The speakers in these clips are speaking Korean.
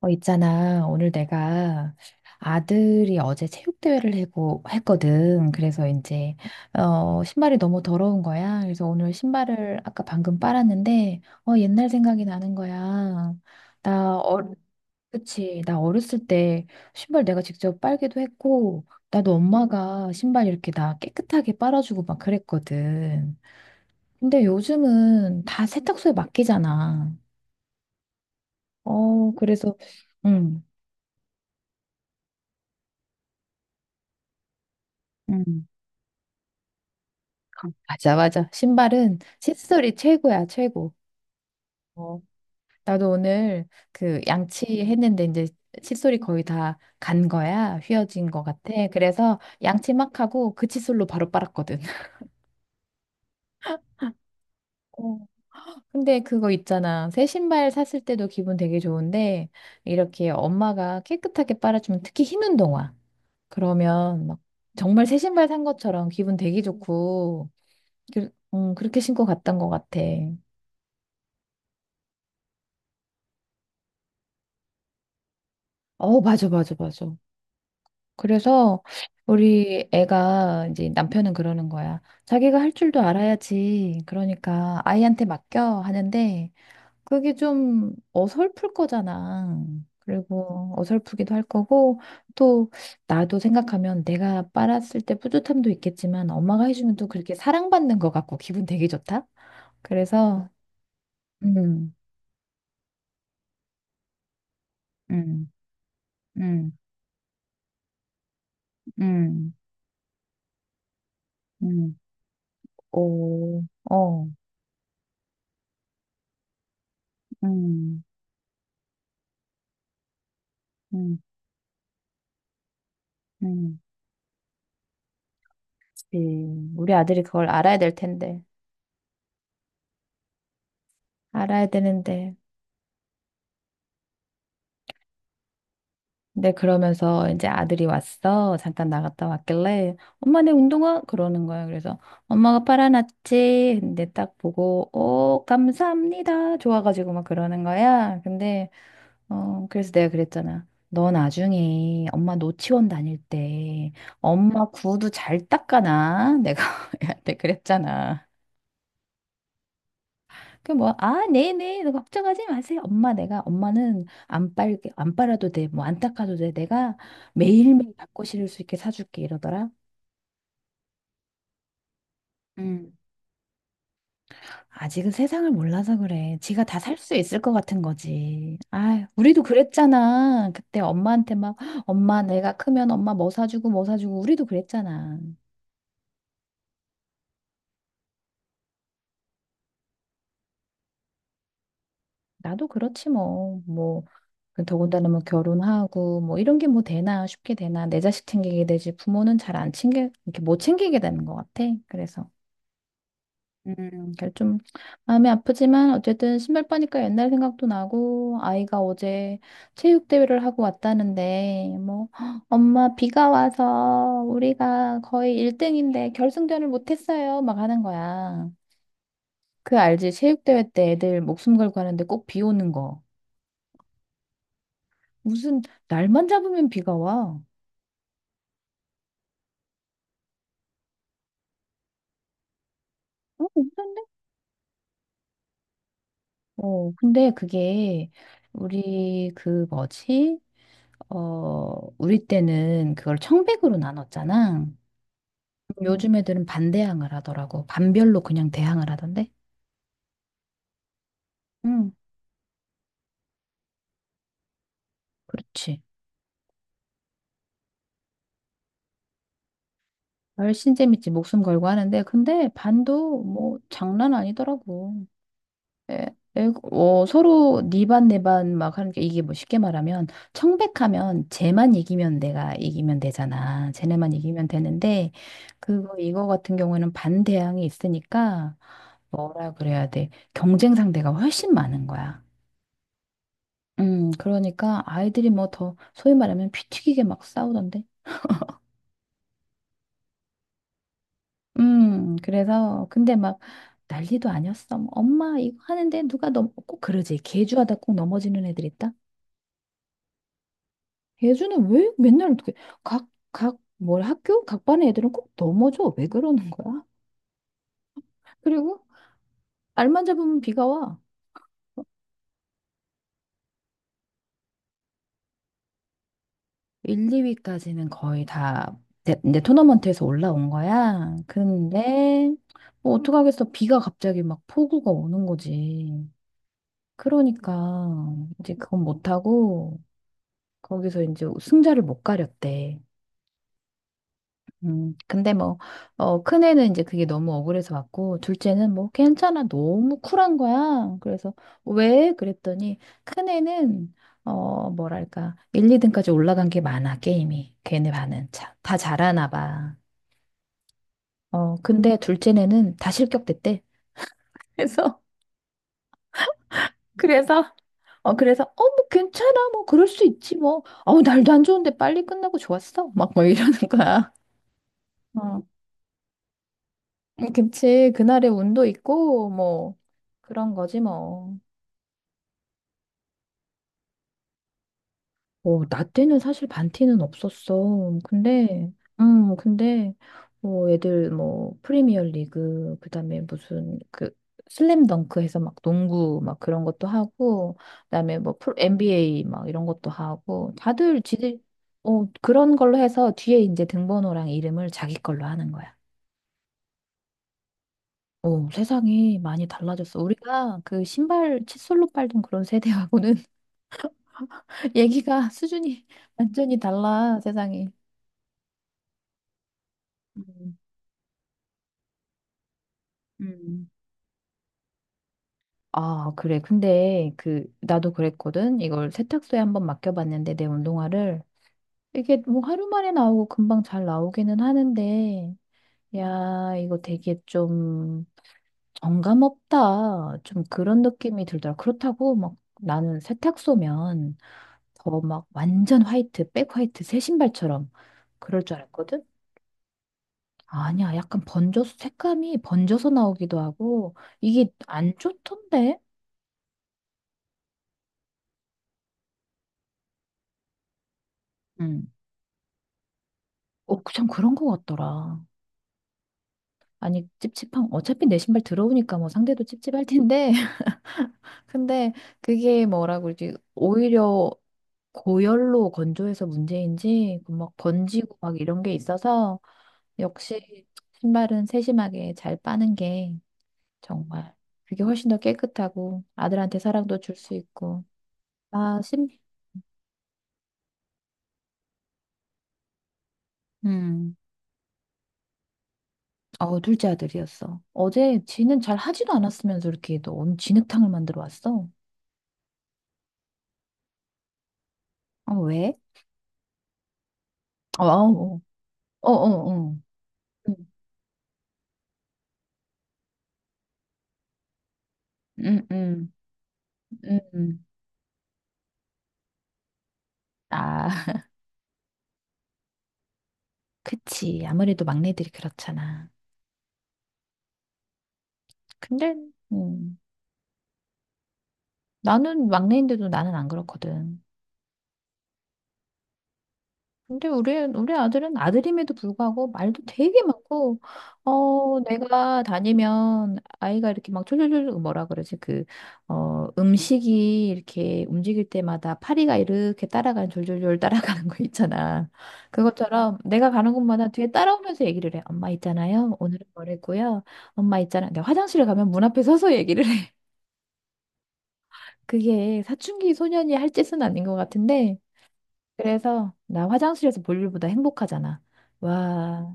있잖아. 오늘 내가 아들이 어제 체육대회를 하고 했거든. 그래서 이제, 신발이 너무 더러운 거야. 그래서 오늘 신발을 아까 방금 빨았는데, 옛날 생각이 나는 거야. 나, 그치. 나 어렸을 때 신발 내가 직접 빨기도 했고, 나도 엄마가 신발 이렇게 나 깨끗하게 빨아주고 막 그랬거든. 근데 요즘은 다 세탁소에 맡기잖아. 그래서, 응. 응. 맞아, 맞아. 신발은 칫솔이 최고야, 최고. 어, 나도 오늘 그 양치했는데 이제 칫솔이 거의 다 간 거야. 휘어진 거 같아. 그래서 양치 막 하고 그 칫솔로 바로 빨았거든. 어, 근데 그거 있잖아. 새 신발 샀을 때도 기분 되게 좋은데 이렇게 엄마가 깨끗하게 빨아주면 특히 흰 운동화. 그러면 막 정말 새 신발 산 것처럼 기분 되게 좋고 그렇게 신고 갔던 것 같아. 맞아, 맞아, 맞아. 그래서 우리 애가 이제 남편은 그러는 거야. 자기가 할 줄도 알아야지. 그러니까 아이한테 맡겨 하는데 그게 좀 어설플 거잖아. 그리고 어설프기도 할 거고 또 나도 생각하면 내가 빨았을 때 뿌듯함도 있겠지만 엄마가 해주면 또 그렇게 사랑받는 것 같고 기분 되게 좋다. 그래서 음, 음, 음, 음, 음, 오, 어. 음, 음, 음. 우리 아들이 그걸 알아야 될 텐데. 알아야 되는데. 근데 그러면서 이제 아들이 왔어. 잠깐 나갔다 왔길래, 엄마 내 운동화? 그러는 거야. 그래서 엄마가 빨아놨지. 근데 딱 보고, 오, 감사합니다. 좋아가지고 막 그러는 거야. 근데, 그래서 내가 그랬잖아. 너 나중에 엄마 노치원 다닐 때 엄마 구두 잘 닦아놔. 내가 얘한테 그랬잖아. 그 뭐, 아, 네네, 너 걱정하지 마세요. 엄마, 내가, 엄마는 안 빨, 안 빨아도 돼. 뭐, 안 닦아도 돼. 내가 매일매일 닦고 실을 수 있게 사줄게. 이러더라. 음. 아직은 세상을 몰라서 그래. 지가 다 살 수 있을 것 같은 거지. 아, 우리도 그랬잖아. 그때 엄마한테 막, 엄마, 내가 크면 엄마 뭐 사주고 뭐 사주고, 우리도 그랬잖아. 나도 그렇지 뭐. 뭐. 그 더군다나 뭐 결혼하고 뭐 이런 게 뭐 되나 쉽게 되나 내 자식 챙기게 되지 부모는 잘 안 챙겨 이렇게 못 챙기게 되는 것 같아. 그래서 그좀 마음이 아프지만 어쨌든 신발 빠니까 옛날 생각도 나고 아이가 어제 체육 대회를 하고 왔다는데 뭐 "헉, 엄마 비가 와서 우리가 거의 1등인데 결승전을 못 했어요. 막 하는 거야. 그 알지? 체육 대회 때 애들 목숨 걸고 하는데 꼭 비 오는 거. 무슨 날만 잡으면 비가 와. 근데 그게 우리 그 뭐지? 어, 우리 때는 그걸 청백으로 나눴잖아. 음. 요즘 애들은 반대항을 하더라고. 반별로 그냥 대항을 하던데. 응, 그렇지. 훨씬 재밌지. 목숨 걸고 하는데. 근데 반도 뭐 장난 아니더라고. 에, 서로 네 반 내 반 막 하는 게 이게 뭐 쉽게 말하면 청백하면 쟤만 이기면 내가 이기면 되잖아. 쟤네만 이기면 되는데 그거 이거 같은 경우에는 반대항이 있으니까 뭐라 그래야 돼. 경쟁 상대가 훨씬 많은 거야. 그러니까 아이들이 뭐 더 소위 말하면 피 튀기게 막 싸우던데. 그래서 근데 막 난리도 아니었어. 뭐 엄마 이거 하는데 누가 넘, 꼭 그러지. 개주하다 꼭 넘어지는 애들 있다. 예주는 왜 맨날 어떻게 각, 각, 뭘 학교? 각 반의 애들은 꼭 넘어져. 왜 그러는 거야? 그리고 알만 잡으면 비가 와. 1, 2위까지는 거의 다 내 토너먼트에서 올라온 거야. 근데 뭐 어떡하겠어. 비가 갑자기 막 폭우가 오는 거지. 그러니까 이제 그건 못하고 거기서 이제 승자를 못 가렸대. 근데 뭐, 큰애는 이제 그게 너무 억울해서 왔고, 둘째는 뭐, 괜찮아. 너무 쿨한 거야. 그래서, 왜? 그랬더니, 큰애는, 뭐랄까, 1, 2등까지 올라간 게 많아, 게임이. 걔네 반은. 자, 다 잘하나 봐. 근데 둘째네는 다 실격됐대. 그래서, 그래서, 그래서, 뭐, 괜찮아. 뭐, 그럴 수 있지, 뭐. 어우, 날도 안 좋은데 빨리 끝나고 좋았어. 막, 뭐 이러는 거야. 어. 그 김치 그날의 운도 있고 뭐 그런 거지 뭐. 나 때는 사실 반티는 없었어. 근데 근데 뭐 애들 뭐 프리미어 리그 그다음에 무슨 그 슬램덩크 해서 막 농구 막 그런 것도 하고 그다음에 뭐 프로, NBA 막 이런 것도 하고 다들 지들 그런 걸로 해서 뒤에 이제 등번호랑 이름을 자기 걸로 하는 거야. 세상이 많이 달라졌어. 우리가 그 신발 칫솔로 빨던 그런 세대하고는 얘기가 수준이 완전히 달라, 세상이. 음, 음, 아, 그래. 근데 그 나도 그랬거든. 이걸 세탁소에 한번 맡겨봤는데 내 운동화를 이게 뭐 하루 만에 나오고 금방 잘 나오기는 하는데 야, 이거 되게 좀 정감 없다. 좀 그런 느낌이 들더라. 그렇다고 막 나는 세탁소면 더 막 완전 화이트, 백 화이트, 새 신발처럼 그럴 줄 알았거든? 아니야. 약간 번져서, 색감이 번져서 나오기도 하고, 이게 안 좋던데? 응. 참 그런 거 같더라. 아니, 찝찝한, 어차피 내 신발 들어오니까 뭐 상대도 찝찝할 텐데, 근데 그게 뭐라 그러지? 오히려 고열로 건조해서 문제인지 그막 번지고 막 이런 게 있어서 역시 신발은 세심하게 잘 빠는 게 정말 그게 훨씬 더 깨끗하고 아들한테 사랑도 줄 수 있고 아, 심, 음, 둘째 아들이었어. 어제 지는 잘 하지도 않았으면서 이렇게 너 오늘 진흙탕을 만들어 왔어. 어, 왜? 어, 어, 어, 어, 어. 음, 음, 음, 음. 아, 그치. 아무래도 막내들이 그렇잖아. 근데, 음. 나는 막내인데도 나는 안 그렇거든. 근데 우리 아들은 아들임에도 불구하고 말도 되게 많고, 내가 다니면 아이가 이렇게 막 졸졸졸 뭐라 그러지? 음식이 이렇게 움직일 때마다 파리가 이렇게 따라가는 졸졸졸 따라가는 거 있잖아. 그것처럼 내가 가는 곳마다 뒤에 따라오면서 얘기를 해. 엄마 있잖아요. 오늘은 뭘 했고요. 엄마 있잖아. 내가 화장실에 가면 문 앞에 서서 얘기를 해. 그게 사춘기 소년이 할 짓은 아닌 것 같은데, 그래서 나 화장실에서 볼 일보다 행복하잖아. 와,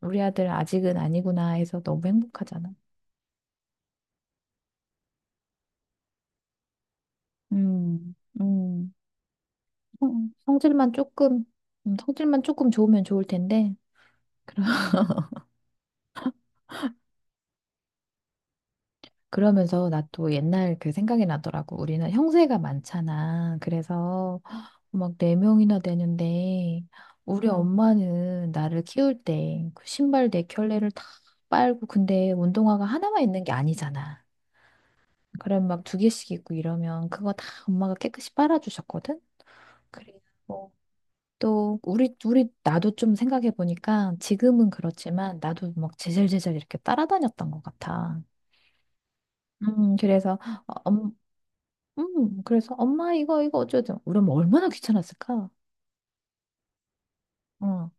우리 아들 아직은 아니구나 해서 너무 행복하잖아. 음, 음, 성- 성질만 조금, 성질만 조금 좋으면 좋을 텐데. 그러- 그러면서 나 또 옛날 그 생각이 나더라고. 우리는 형제가 많잖아. 그래서 막 네 명이나 되는데 우리 엄마는 나를 키울 때 그 신발 네 켤레를 다 빨고 근데 운동화가 하나만 있는 게 아니잖아. 그럼 막 두 개씩 있고 이러면 그거 다 엄마가 깨끗이 빨아주셨거든? 그리고 또 우리 나도 좀 생각해 보니까 지금은 그렇지만 나도 막 제잘제잘 이렇게 따라다녔던 것 같아. 그래서 어, 엄, 그래서 엄마 이거 이거 어쩌죠? 우리 엄마 얼마나 귀찮았을까? 어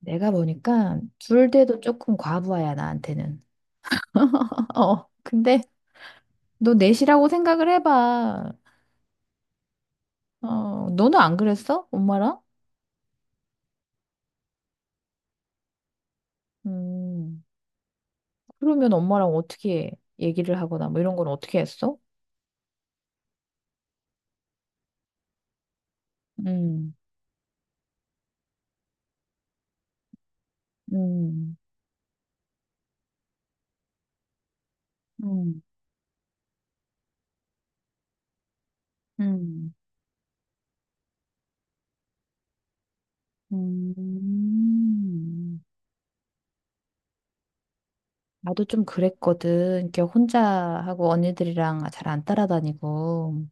내가 보니까 둘 돼도 조금 과부하야 나한테는. 근데 너 넷이라고 생각을 해봐. 너는 안 그랬어? 엄마랑? 음. 그러면 엄마랑 어떻게 얘기를 하거나 뭐 이런 건 어떻게 했어? 음, 음, 음, 음, 음. 나도 좀 그랬거든. 이렇게 혼자 하고 언니들이랑 잘 안 따라다니고.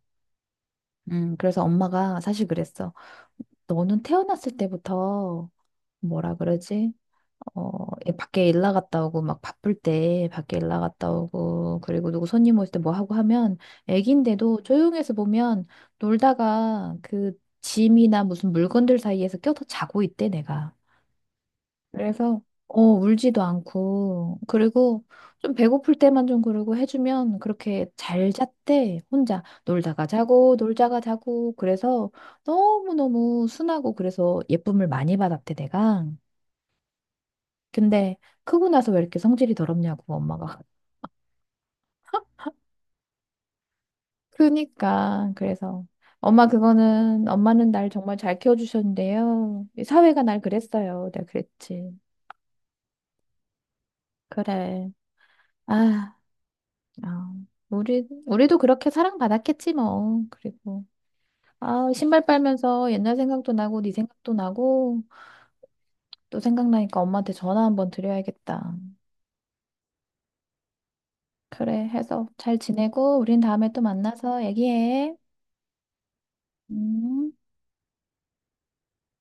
그래서 엄마가 사실 그랬어. 너는 태어났을 때부터 뭐라 그러지? 애 밖에 일 나갔다 오고 막 바쁠 때 밖에 일 나갔다 오고 그리고 누구 손님 올 때 뭐 하고 하면 애기인데도 조용해서 보면 놀다가 그 짐이나 무슨 물건들 사이에서 껴서 자고 있대 내가. 그래서 울지도 않고 그리고 좀 배고플 때만 좀 그러고 해주면 그렇게 잘 잤대 혼자 놀다가 자고 놀다가 자고 그래서 너무너무 순하고 그래서 예쁨을 많이 받았대 내가. 근데 크고 나서 왜 이렇게 성질이 더럽냐고 엄마가. 그니까 그래서 엄마 그거는 엄마는 날 정말 잘 키워주셨는데요. 이 사회가 날 그랬어요. 내가 그랬지. 그래. 아, 아, 우리도 그렇게 사랑받았겠지 뭐. 그리고 아 신발 빨면서 옛날 생각도 나고 네 생각도 나고 또 생각나니까 엄마한테 전화 한번 드려야겠다. 그래 해서 잘 지내고 우린 다음에 또 만나서 얘기해. 음.